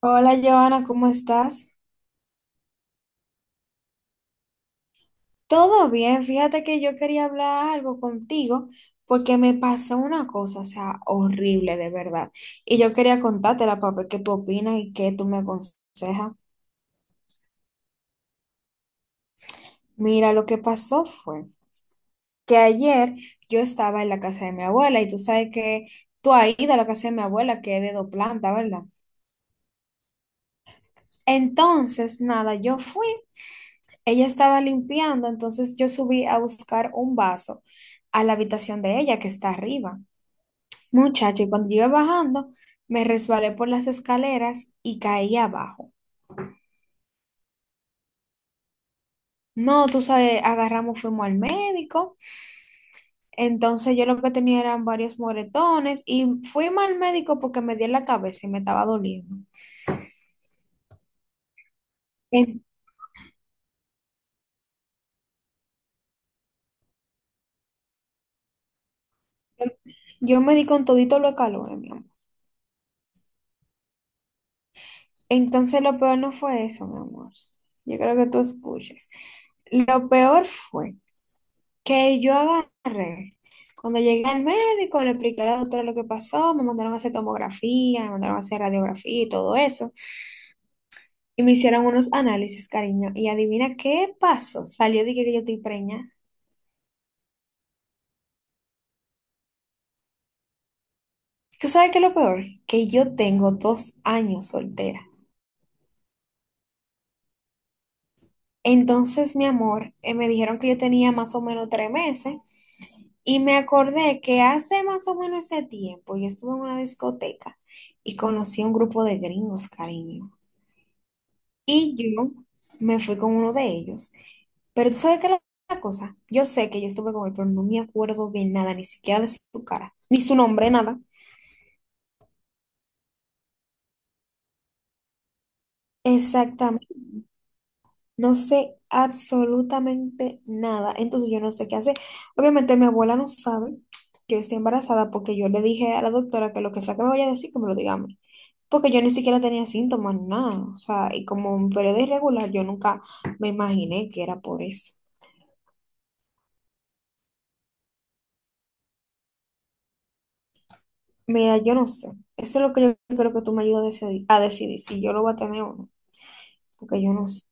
Hola, Joana, ¿cómo estás? Todo bien, fíjate que yo quería hablar algo contigo porque me pasó una cosa, o sea, horrible de verdad. Y yo quería contártela para ver qué tú opinas y qué tú me aconsejas. Mira, lo que pasó fue que ayer yo estaba en la casa de mi abuela y tú sabes que tú ahí de la casa de mi abuela, que es de dos plantas, ¿verdad? Entonces, nada, yo fui, ella estaba limpiando, entonces yo subí a buscar un vaso a la habitación de ella que está arriba. Muchacho, y cuando yo iba bajando, me resbalé por las escaleras y caí abajo. No, tú sabes, agarramos, fuimos al médico. Entonces yo lo que tenía eran varios moretones y fuimos al médico porque me di en la cabeza y me estaba doliendo. En- yo me di con todito los calores, mi amor. Entonces lo peor no fue eso, mi amor. Yo creo que tú escuches. Lo peor fue que yo agarré. Cuando llegué al médico, le expliqué a la doctora lo que pasó, me mandaron a hacer tomografía, me mandaron a hacer radiografía y todo eso. Y me hicieron unos análisis, cariño. Y adivina qué pasó. Salió, dije que yo estoy preñada. ¿Tú sabes qué es lo peor? Que yo tengo 2 años soltera. Entonces, mi amor, me dijeron que yo tenía más o menos 3 meses. Y me acordé que hace más o menos ese tiempo yo estuve en una discoteca y conocí a un grupo de gringos, cariño. Y yo me fui con uno de ellos. Pero tú sabes qué es la cosa. Yo sé que yo estuve con él, pero no me acuerdo de nada, ni siquiera de su cara, ni su nombre, nada. Exactamente. No sé absolutamente nada. Entonces yo no sé qué hacer. Obviamente mi abuela no sabe que yo estoy embarazada porque yo le dije a la doctora que lo que sea que me vaya a decir, que me lo diga a mí. Porque yo ni siquiera tenía síntomas, nada. O sea, y como un periodo irregular, yo nunca me imaginé que era por eso. Mira, yo no sé. Eso es lo que yo creo que tú me ayudas a decidir si yo lo voy a tener o no, porque yo no sé.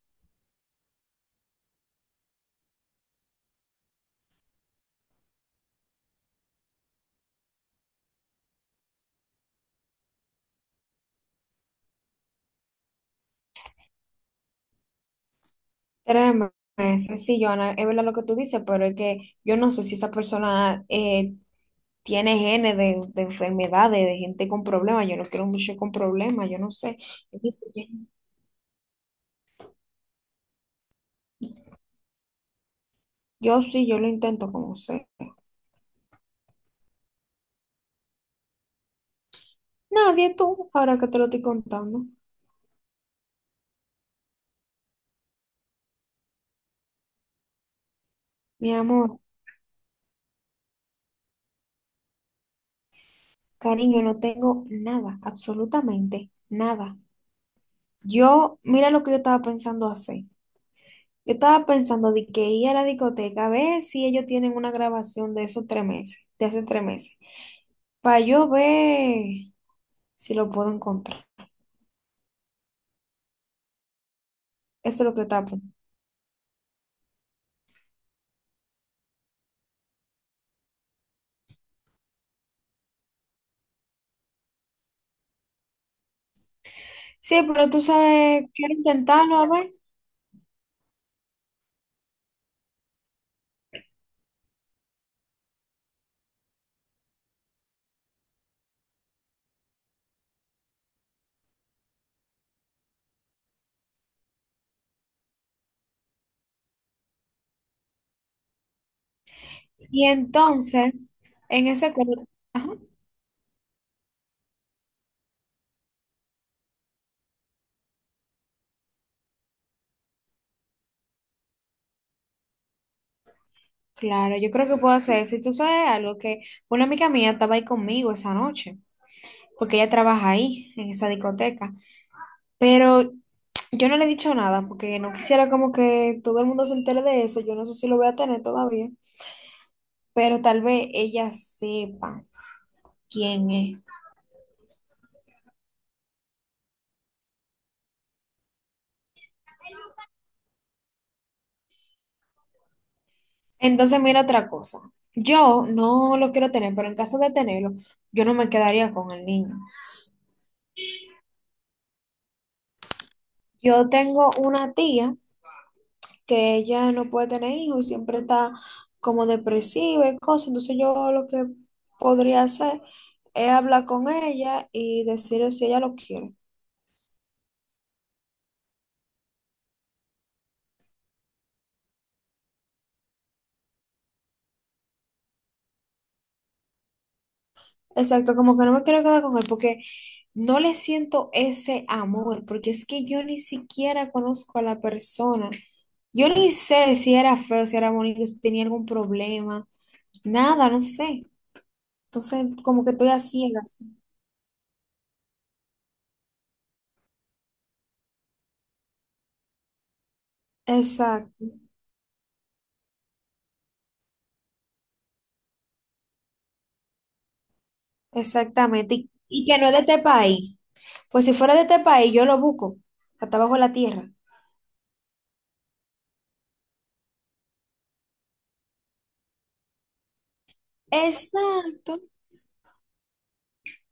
Créeme, es sencillo, Ana, es verdad lo que tú dices, pero es que yo no sé si esa persona tiene genes de enfermedades, de gente con problemas. Yo no quiero mucho con problemas, yo no sé. Yo, dice que- yo sí, yo lo intento como sé. Nadie tú, ahora que te lo estoy contando. Mi amor, cariño, no tengo nada, absolutamente nada. Yo, mira lo que yo estaba pensando hacer. Yo estaba pensando de que ir a la discoteca a ver si ellos tienen una grabación de esos 3 meses, de hace 3 meses, para yo ver si lo puedo encontrar. Eso es lo que yo estaba pensando. Sí, pero tú sabes, quiero intentarlo a ver. Y entonces, en ese cor- ajá, claro, yo creo que puedo hacer eso. Y tú sabes algo que una amiga mía estaba ahí conmigo esa noche, porque ella trabaja ahí, en esa discoteca. Pero yo no le he dicho nada porque no quisiera como que todo el mundo se entere de eso. Yo no sé si lo voy a tener todavía. Pero tal vez ella sepa quién es. Entonces, mira otra cosa. Yo no lo quiero tener, pero en caso de tenerlo, yo no me quedaría con el niño. Yo tengo una tía que ella no puede tener hijos, siempre está como depresiva y cosas. Entonces, yo lo que podría hacer es hablar con ella y decirle si ella lo quiere. Exacto, como que no me quiero quedar con él porque no le siento ese amor, porque es que yo ni siquiera conozco a la persona. Yo ni sé si era feo, si era bonito, si tenía algún problema, nada, no sé. Entonces, como que estoy a ciegas. Exacto, exactamente. Y que no es de este país. Pues si fuera de este país, yo lo busco, hasta abajo de la tierra. Exacto.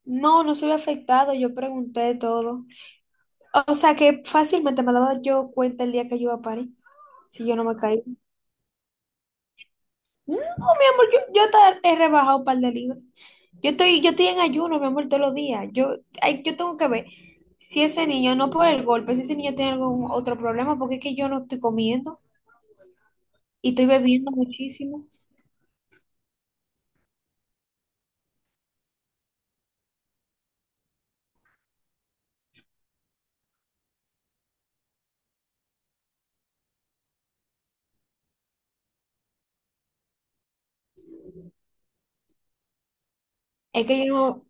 No, no soy afectado, yo pregunté todo. O sea que fácilmente me daba yo cuenta el día que yo iba a París, si yo no me caí. No, mi amor, yo te he rebajado un par de libras. Yo estoy en ayuno, mi amor, todos los días. Ay, yo tengo que ver si ese niño, no por el golpe, si ese niño tiene algún otro problema, porque es que yo no estoy comiendo y estoy bebiendo muchísimo. Es que yo no,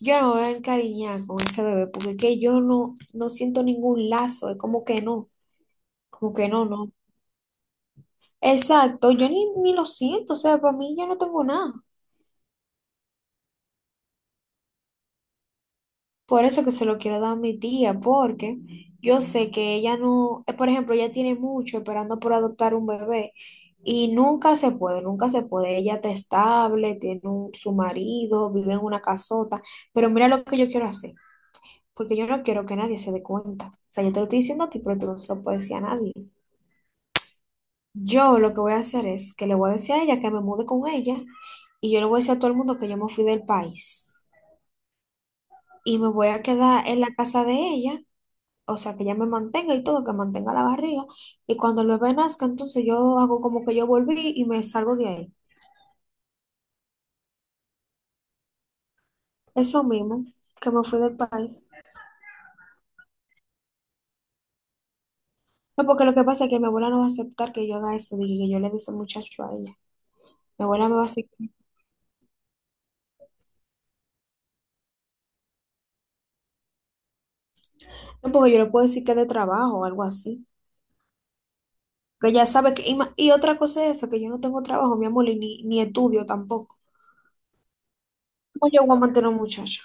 yo no me voy a encariñar con ese bebé, porque es que yo no siento ningún lazo, es como que no, no. Exacto, yo ni lo siento, o sea, para mí yo no tengo nada. Por eso que se lo quiero dar a mi tía, porque yo sé que ella no, por ejemplo, ella tiene mucho esperando por adoptar un bebé y nunca se puede, nunca se puede. Ella está estable, tiene su marido, vive en una casota, pero mira lo que yo quiero hacer, porque yo no quiero que nadie se dé cuenta. O sea, yo te lo estoy diciendo a ti, pero tú no se lo puedes decir a nadie. Yo lo que voy a hacer es que le voy a decir a ella que me mude con ella y yo le voy a decir a todo el mundo que yo me fui del país y me voy a quedar en la casa de ella, o sea, que ya me mantenga y todo, que mantenga la barriga. Y cuando el bebé nazca, entonces yo hago como que yo volví y me salgo de ahí. Eso mismo, que me fui del país. No, porque lo que pasa es que mi abuela no va a aceptar que yo haga eso, dije que yo le dé ese muchacho a ella. Mi abuela me va a decir, no, porque yo le puedo decir que es de trabajo o algo así. Pero ya sabe que, y otra cosa es eso, que yo no tengo trabajo, mi amor, y ni estudio tampoco. ¿Cómo yo voy a mantener a un muchacho?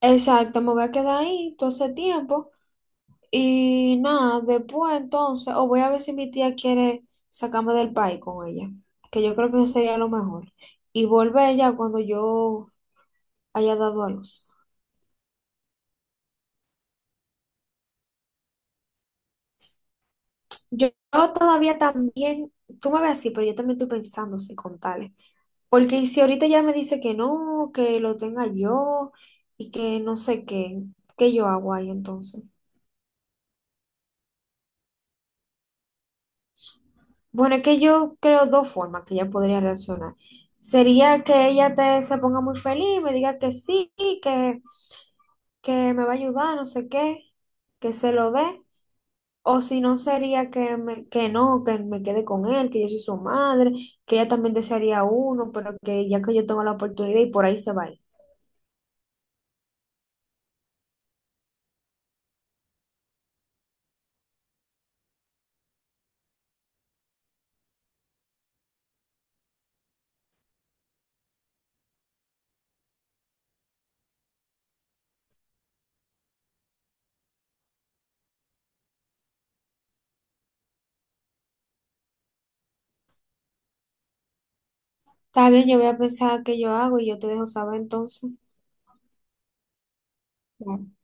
Exacto, me voy a quedar ahí todo ese tiempo. Y nada, después entonces, o voy a ver si mi tía quiere sacarme del país con ella, que yo creo que eso sería lo mejor. Y volver ya cuando yo haya dado a luz. Yo todavía también, tú me ves así, pero yo también estoy pensando si contarle. Porque si ahorita ya me dice que no, que lo tenga yo y que no sé qué, ¿qué yo hago ahí entonces? Bueno, es que yo creo dos formas que ella podría reaccionar. Sería que ella te, se ponga muy feliz, me diga que sí, que que me va a ayudar, no sé qué, que se lo dé. O si no sería que, me, que no, que me quede con él, que yo soy su madre, que ella también desearía uno, pero que ya que yo tengo la oportunidad y por ahí se va a ir. Está bien, yo voy a pensar qué yo hago y yo te dejo saber entonces. Bueno.